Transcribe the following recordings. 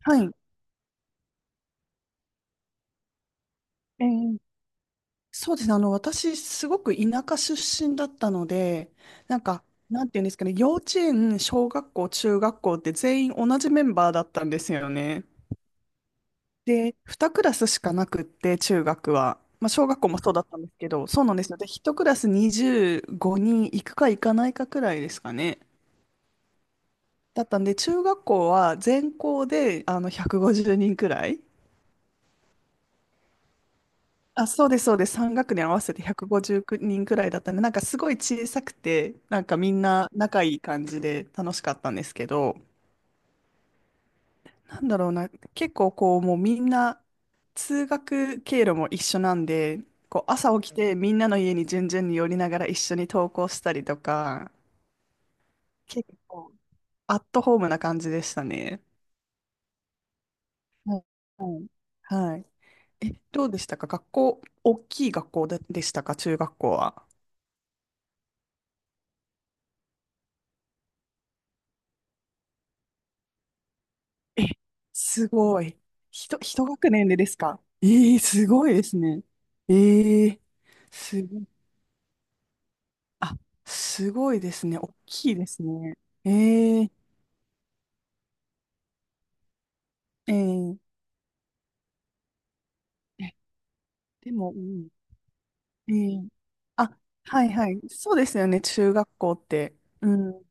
はい。えーそうですね。あの、私、すごく田舎出身だったので、なんか、なんていうんですかね、幼稚園、小学校、中学校って全員同じメンバーだったんですよね。で、2クラスしかなくって、中学は。まあ、小学校もそうだったんですけど、そうなんですよ。で、1クラス25人行くか行かないかくらいですかね。だったんで、中学校は全校で、150人ごじゅうにんくらい。あ、そうです、そうです。3学年合わせて150人ごじゅうきゅうにんくらいだったんで、なんかすごい小さくて、なんかみんな仲いい感じで楽しかったんですけど、なんだろうな、結構こう、もうみんな通学経路も一緒なんで、こう朝起きてみんなの家に順々に寄りながら一緒に登校したりとか、結構アットホームな感じでしたね。はい。はい。え、どうでしたか学校、大きい学校でしたか中学校は。え、すごい。一学年でですか？ええ、すごいですね。ええ、すごい。あ、すごいですね。大きいですね。えええええ、でも、うん、ええ、あ、はいはい。そうですよね、中学校って。うん、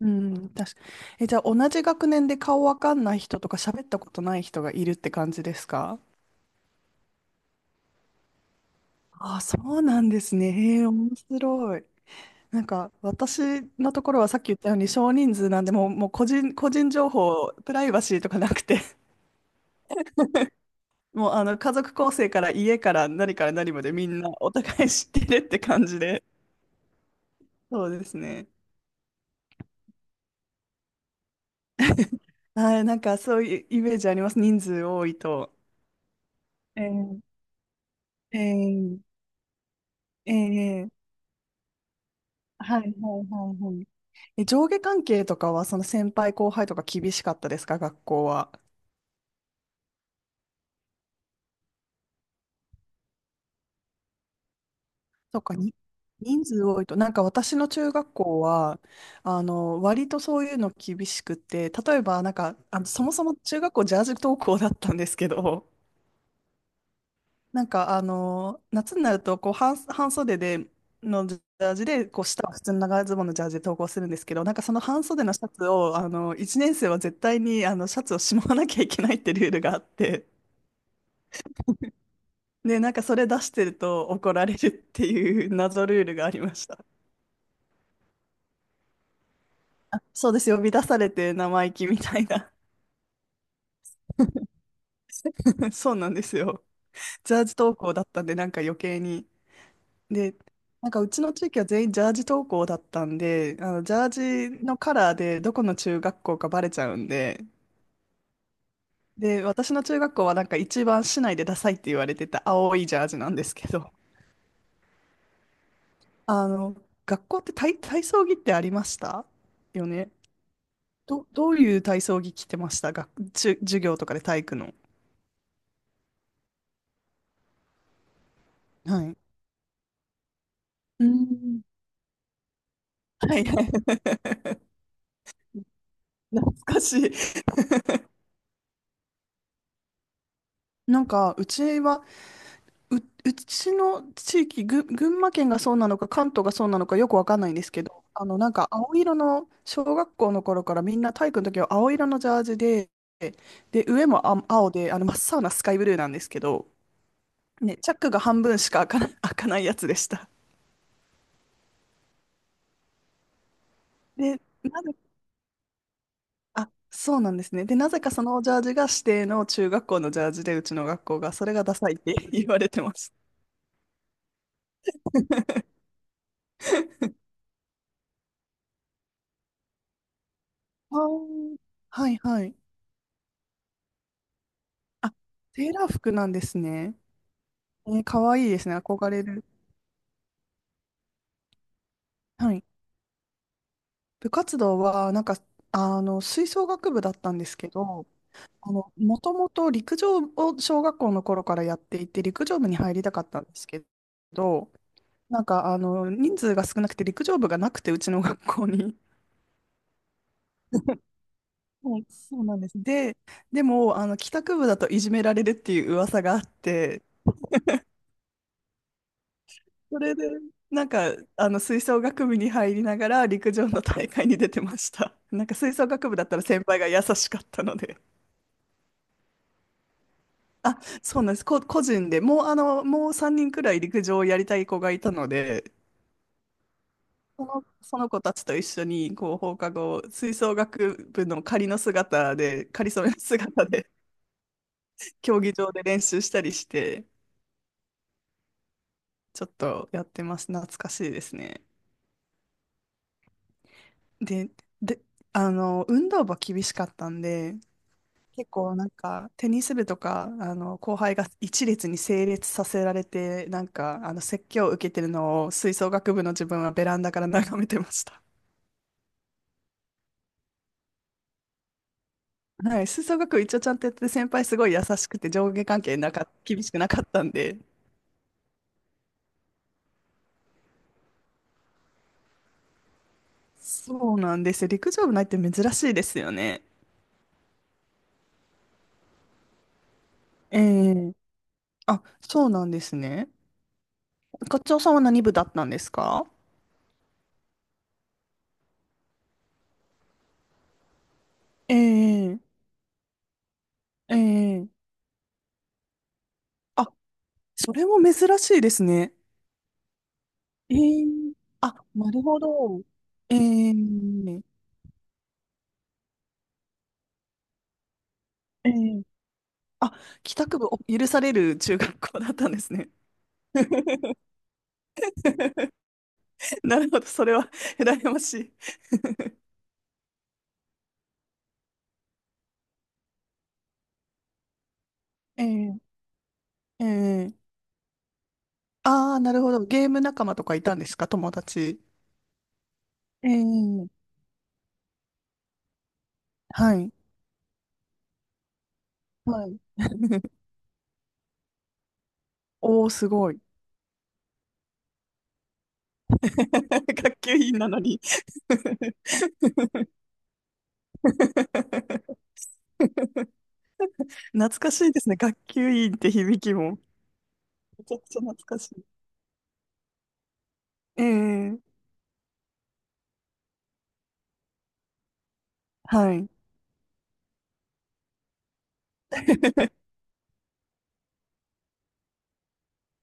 うん、確か。え、じゃあ、同じ学年で顔わかんない人とか喋ったことない人がいるって感じですか？あ、そうなんですね。ええ、面白い。なんか私のところはさっき言ったように少人数なんで、もう個人情報、プライバシーとかなくて、もう家族構成から家から何から何までみんなお互い知ってるって感じで、そうですね。はい、なんかそういうイメージあります、人数多いと。えー、えー、えー、はいはいはいはい。え、上下関係とかはその先輩後輩とか厳しかったですか、学校は。そうか、人数多いと、なんか私の中学校は、割とそういうの厳しくて、例えば、なんか、そもそも中学校ジャージ登校だったんですけど、なんか、夏になると、こう、半袖で、のジャージで、こう、下は普通の長ズボンのジャージで登校するんですけど、なんかその半袖のシャツを、1年生は絶対に、シャツをしまわなきゃいけないってルールがあって、で、なんかそれ出してると怒られるっていう謎ルールがありました。あ、そうですよ。呼び出されて生意気みたいな。そうなんですよ。ジャージ登校だったんで、なんか余計に。で、なんかうちの地域は全員ジャージ登校だったんで、あのジャージのカラーでどこの中学校かバレちゃうんで、で、私の中学校はなんか一番市内でダサいって言われてた青いジャージなんですけど、あの、学校って体操着ってありましたよね。どういう体操着着てました学、じゅ、授業とかで体育の。はい。うん。はいはい。懐かしい。なんか、う、うちの地域、群馬県がそうなのか、関東がそうなのか、よくわかんないんですけど、なんか、青色の、小学校の頃からみんな体育の時は青色のジャージで、で、上も青で、真っ青なスカイブルーなんですけど、ね、チャックが半分しか開かな、開かないやつでした。で、なぜ、あ、そうなんですね。で、なぜかそのジャージが指定の中学校のジャージで、うちの学校が、それがダサいって言われてます。あー、はいはい。あ、セーラー服なんですね。えー、かわいいですね。憧れる。はい。部活動は、なんか、吹奏楽部だったんですけど、もともと陸上を小学校の頃からやっていて、陸上部に入りたかったんですけど、なんか、人数が少なくて陸上部がなくて、うちの学校に。はい、そうなんです。で、でも、帰宅部だといじめられるっていう噂があって、それで、なんか、吹奏楽部に入りながら陸上の大会に出てました。なんか吹奏楽部だったら先輩が優しかったので。あ、そうなんです。個人でもう、3人くらい陸上をやりたい子がいたので、その子たちと一緒に、こう、放課後、吹奏楽部の仮の姿で、仮染めの姿で、競技場で練習したりして、ちょっとやってます。懐かしいですね。で、で、運動部は厳しかったんで、結構なんかテニス部とかあの後輩が一列に整列させられてなんかあの説教を受けてるのを吹奏楽部の自分はベランダから眺めてました。はい、吹奏楽部一応ちゃんとやってて先輩すごい優しくて上下関係厳しくなかったんでそうなんですよ。陸上部ないって珍しいですよね。ええ、あ、そうなんですね。課長さんは何部だったんですか？ええ、ええ、あ、それも珍しいですね。えー、あ、なるほど。えー、えー、あ、帰宅部を許される中学校だったんですね。なるほど、それは 羨ましい。えー、えー、ああ、なるほど。ゲーム仲間とかいたんですか、友達。えー、はい、はい。おー、すごい。学級委員なのに 懐かしいですね。学級委員って響きも。めちゃくちゃ懐かしい。ええ、はい。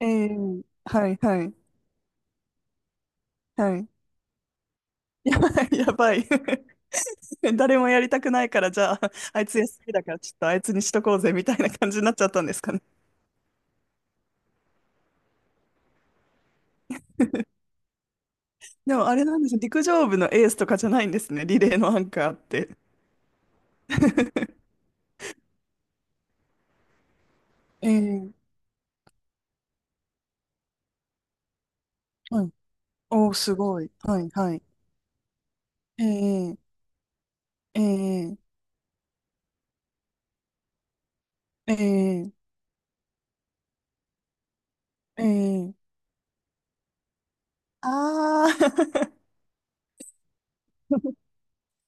ええ、はいはい。はい。やばい、やばい。誰もやりたくないから、じゃあ、あいつ休みだから、ちょっとあいつにしとこうぜ、みたいな感じになっちゃったんですかね。でも、あれなんですよ、陸上部のエースとかじゃないんですね。リレーのアンカーって。ええ、はい。おー、すごい。はい、はい。ええ、ええ、ええ、ええ、ああー、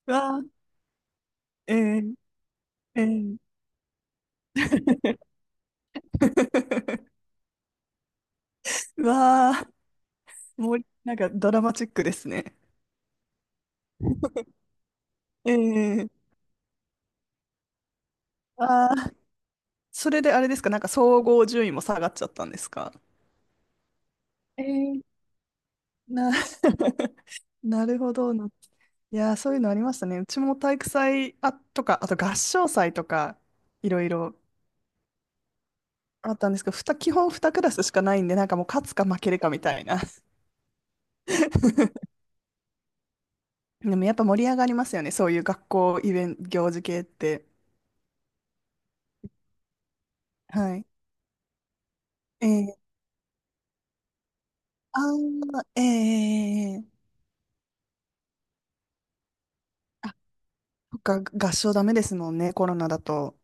うわあ、ええええ、 うわあ、もう、なんかドラマチックですね。ええ、ああー、それであれですか、なんか総合順位も下がっちゃったんですか？えーな、なるほどな。いやー、そういうのありましたね。うちも体育祭とか、あと合唱祭とか、いろいろあったんですけど、基本2クラスしかないんで、なんかもう勝つか負けるかみたいな。でもやっぱ盛り上がりますよね、そういう学校イベント、行事系って。はい。えー、あー、ええ、えー、えー、そっか、合唱ダメですもんね、コロナだと。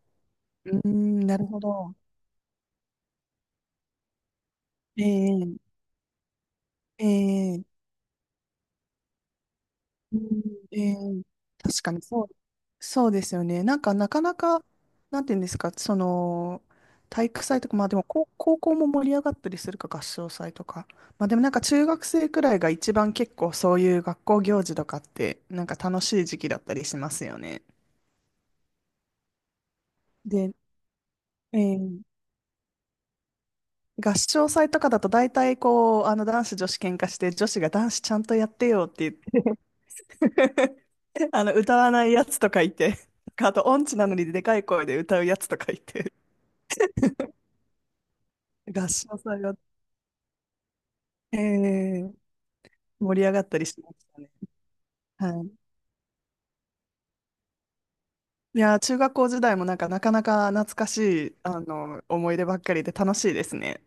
うーん、なるほど。ええええ、うん、ええ、確かにそう、そうですよね。なんか、なかなか、なんていうんですか、その、体育祭とか、まあでも高校も盛り上がったりするか、合唱祭とか。まあでもなんか、中学生くらいが一番結構そういう学校行事とかって、なんか楽しい時期だったりしますよね。で、ええ、合唱祭とかだと大体こう、あの男子女子喧嘩して、女子が男子ちゃんとやってよって言って あの歌わないやつとかいて、あと音痴なのにでかい声で歌うやつとかいて、合唱祭が、えー盛り上がったりしましたね。はい。いやー、中学校時代もなんかなかなか懐かしい、思い出ばっかりで楽しいですね。